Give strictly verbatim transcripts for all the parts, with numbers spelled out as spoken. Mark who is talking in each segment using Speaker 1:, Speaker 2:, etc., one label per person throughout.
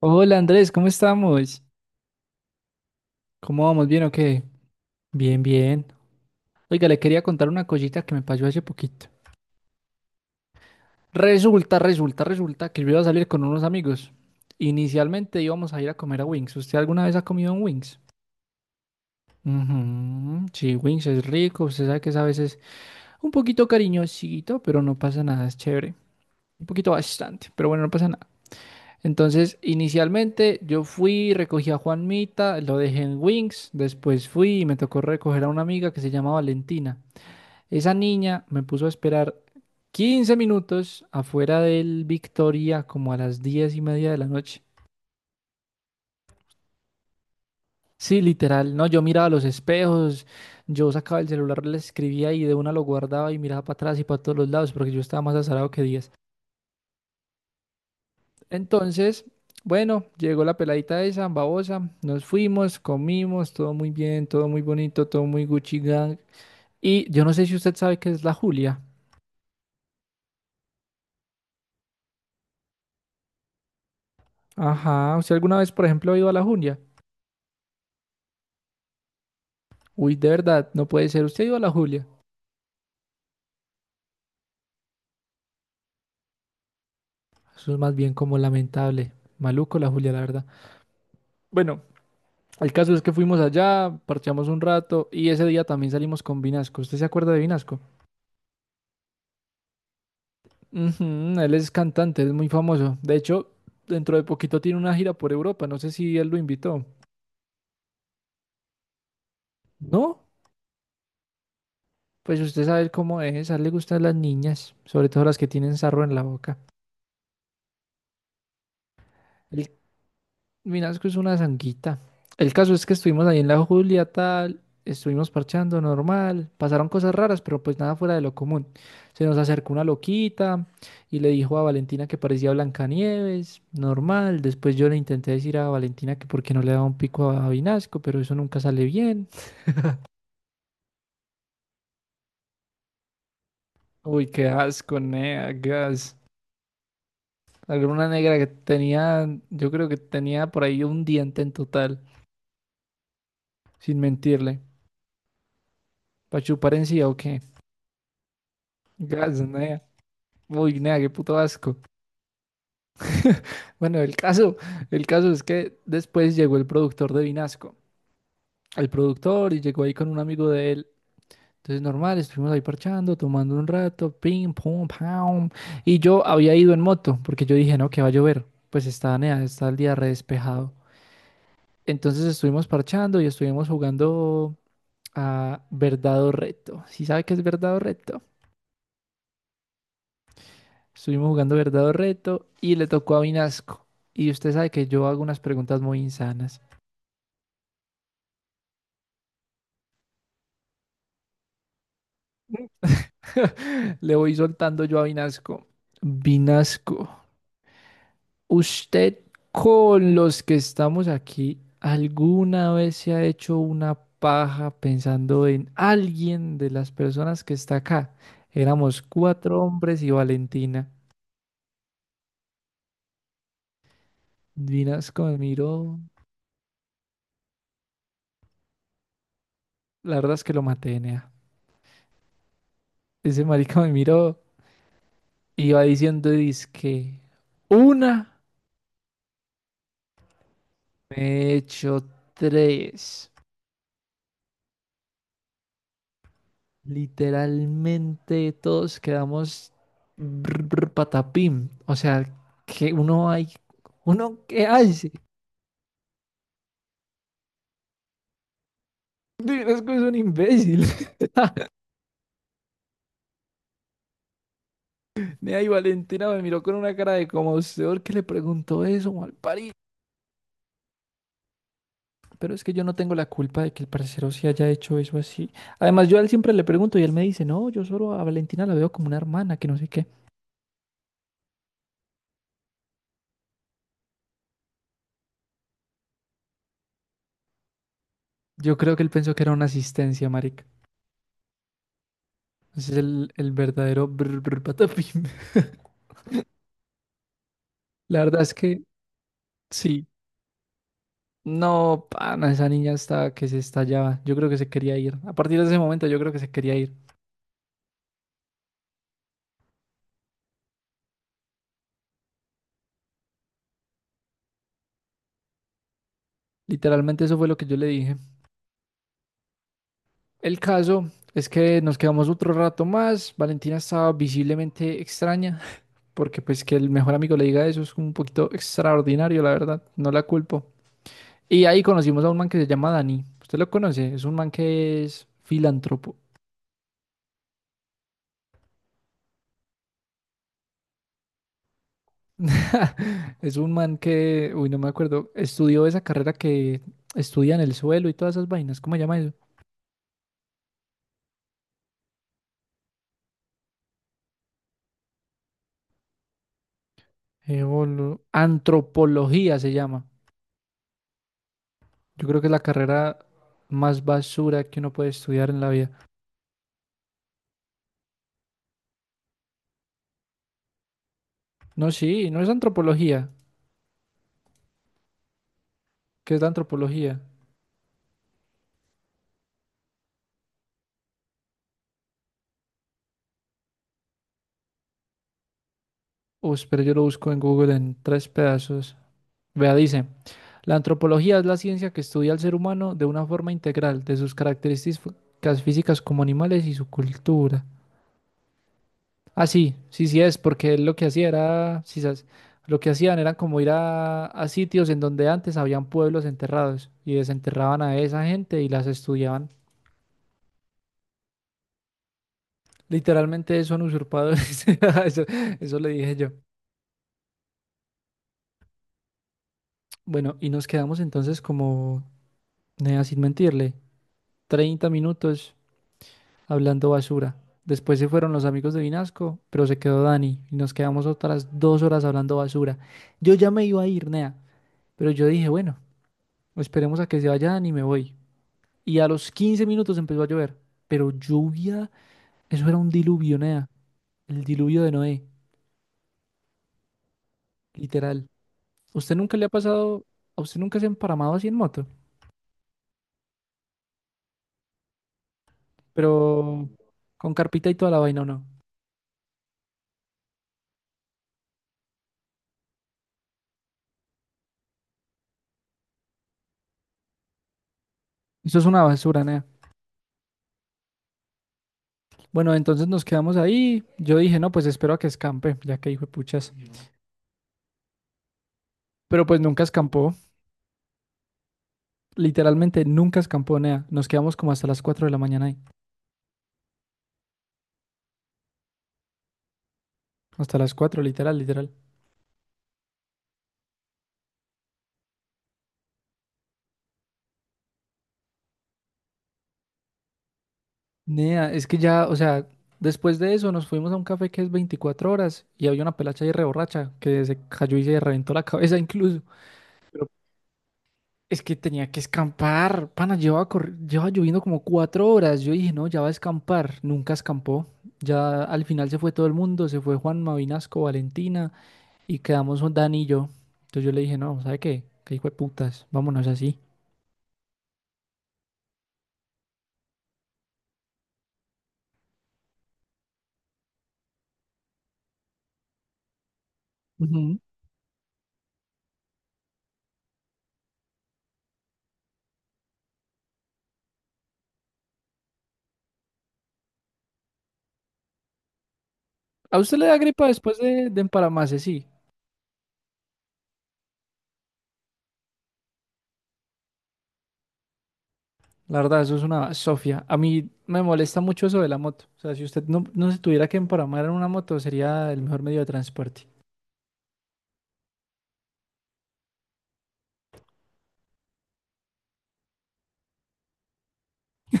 Speaker 1: Hola Andrés, ¿cómo estamos? ¿Cómo vamos? ¿Bien o qué? Bien, bien. Oiga, le quería contar una cosita que me pasó hace poquito. Resulta, resulta, resulta que yo iba a salir con unos amigos. Inicialmente íbamos a ir a comer a Wings. ¿Usted alguna vez ha comido en Wings? Ujú, sí, Wings es rico. Usted sabe que es a veces un poquito cariñosito, pero no pasa nada, es chévere. Un poquito bastante, pero bueno, no pasa nada. Entonces, inicialmente yo fui, recogí a Juanmita, lo dejé en Wings, después fui y me tocó recoger a una amiga que se llama Valentina. Esa niña me puso a esperar quince minutos afuera del Victoria como a las diez y media de la noche. Sí, literal, no, yo miraba los espejos, yo sacaba el celular, le escribía y de una lo guardaba y miraba para atrás y para todos los lados porque yo estaba más azarado que diez. Entonces, bueno, llegó la peladita esa, babosa, nos fuimos, comimos, todo muy bien, todo muy bonito, todo muy Gucci Gang. Y yo no sé si usted sabe qué es la Julia. Ajá, ¿usted alguna vez, por ejemplo, ha ido a la Julia? Uy, de verdad, no puede ser, ¿usted ha ido a la Julia? Eso es más bien como lamentable. Maluco la Julia, la verdad. Bueno, el caso es que fuimos allá, parchamos un rato y ese día también salimos con Vinasco. ¿Usted se acuerda de Vinasco? Ujú, él es cantante, es muy famoso. De hecho, dentro de poquito tiene una gira por Europa. No sé si él lo invitó. ¿No? Pues usted sabe cómo es. A él le gustan las niñas, sobre todo las que tienen sarro en la boca. Él Vinasco es una zanguita. El caso es que estuvimos ahí en la Julia, tal, estuvimos parchando normal, pasaron cosas raras, pero pues nada fuera de lo común. Se nos acercó una loquita y le dijo a Valentina que parecía Blancanieves, normal. Después yo le intenté decir a Valentina que por qué no le daba un pico a Vinasco, pero eso nunca sale bien. Uy, qué asco, nea, gas. Alguna negra que tenía, yo creo que tenía por ahí un diente en total, sin mentirle. ¿Para chupar encía o qué? Gas, nea. Uy, nada, qué puto asco. Bueno, el caso, el caso es que después llegó el productor de Vinasco, el productor, y llegó ahí con un amigo de él. Entonces, normal, estuvimos ahí parchando, tomando un rato, pim, pum, pam. Y yo había ido en moto, porque yo dije, no, que va a llover. Pues está, nea, está el día re despejado. Entonces, estuvimos parchando y estuvimos jugando a Verdad o Reto. ¿Sí sabe qué es Verdad o Reto? Estuvimos jugando Verdad o Reto y le tocó a Vinasco. Y usted sabe que yo hago unas preguntas muy insanas. Le voy soltando yo a Vinasco. Vinasco, usted con los que estamos aquí, ¿alguna vez se ha hecho una paja pensando en alguien de las personas que está acá? Éramos cuatro hombres y Valentina. Vinasco me miró, la verdad es que lo maté, nea. Ese marica me miró, iba diciendo dizque una, me he hecho tres. Literalmente todos quedamos brr, brr, patapim. O sea, que uno hay. ¿Uno qué hace? Es que es un imbécil. Nea y Valentina me miró con una cara de como usted que le preguntó eso, mal parido. Pero es que yo no tengo la culpa de que el parcero sí haya hecho eso así. Además, yo a él siempre le pregunto y él me dice, no, yo solo a Valentina la veo como una hermana, que no sé qué. Yo creo que él pensó que era una asistencia, marica. Ese es el, el verdadero brr, brr, patapim. La verdad es que sí. No, pana, esa niña está que se estallaba. Yo creo que se quería ir. A partir de ese momento yo creo que se quería ir. Literalmente eso fue lo que yo le dije. El caso es que nos quedamos otro rato más. Valentina estaba visiblemente extraña, porque pues que el mejor amigo le diga eso es un poquito extraordinario, la verdad. No la culpo. Y ahí conocimos a un man que se llama Dani. ¿Usted lo conoce? Es un man que es filántropo. Es un man que, uy, no me acuerdo, estudió esa carrera que estudia en el suelo y todas esas vainas. ¿Cómo se llama eso? Geolo- Antropología se llama. Yo creo que es la carrera más basura que uno puede estudiar en la vida. No, sí, no es antropología. ¿Qué es la antropología? Uy, pero yo lo busco en Google en tres pedazos. Vea, dice, la antropología es la ciencia que estudia al ser humano de una forma integral, de sus características físicas como animales y su cultura. Ah, sí, sí, sí es, porque él lo que hacía era, sí, sabes, lo que hacían era como ir a, a sitios en donde antes habían pueblos enterrados y desenterraban a esa gente y las estudiaban. Literalmente son usurpadores. Eso, eso le dije yo. Bueno, y nos quedamos entonces como, nea, sin mentirle, treinta minutos hablando basura. Después se fueron los amigos de Vinasco, pero se quedó Dani y nos quedamos otras dos horas hablando basura. Yo ya me iba a ir, nea, pero yo dije, bueno. Esperemos a que se vayan y me voy. Y a los quince minutos empezó a llover, pero lluvia, eso era un diluvio, Nea, el diluvio de Noé, literal. ¿Usted nunca le ha pasado, a usted nunca se ha emparamado así en moto? Pero con carpita y toda la vaina, ¿o no? Eso es una basura, Nea. Bueno, entonces nos quedamos ahí. Yo dije, no, pues espero a que escampe, ya que hijo de puchas. Pero pues nunca escampó, literalmente nunca escampó, Nea. Nos quedamos como hasta las cuatro de la mañana ahí. Hasta las cuatro literal, literal. Nea, es que ya, o sea, después de eso nos fuimos a un café que es veinticuatro horas y había una pelacha ahí reborracha que se cayó y se reventó la cabeza incluso. Pero es que tenía que escampar, pana, llevaba, corri- llevaba lloviendo como cuatro horas. Yo dije, no, ya va a escampar. Nunca escampó. Ya al final se fue todo el mundo, se fue Juan Mavinasco, Valentina y quedamos Dani y yo. Entonces yo le dije, no, ¿sabe qué? Qué hijo de putas, vámonos así. Ujú. ¿A usted le da gripa después de, de empalamarse? Sí. La verdad, eso es una sofia. A mí me molesta mucho eso de la moto. O sea, si usted no, no se tuviera que emparamar en una moto, sería el mejor medio de transporte.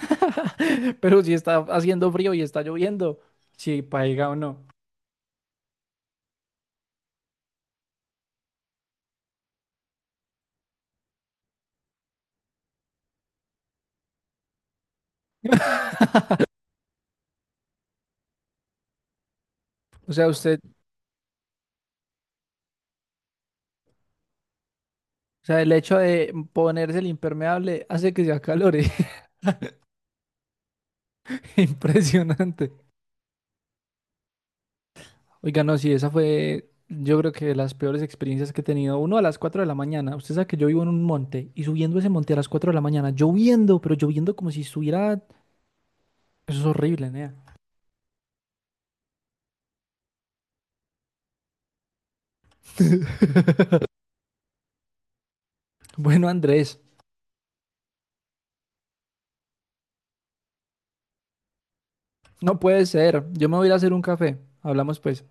Speaker 1: Pero si está haciendo frío y está lloviendo, si paiga o no. O sea, usted, o sea, el hecho de ponerse el impermeable hace que se acalore. Impresionante. Oiga, no, sí, esa fue, yo creo que las peores experiencias que he tenido. Uno a las cuatro de la mañana. Usted sabe que yo vivo en un monte y subiendo ese monte a las cuatro de la mañana, lloviendo, pero lloviendo como si estuviera. Eso es horrible, Nea. Bueno, Andrés, no puede ser. Yo me voy a ir a hacer un café. Hablamos pues.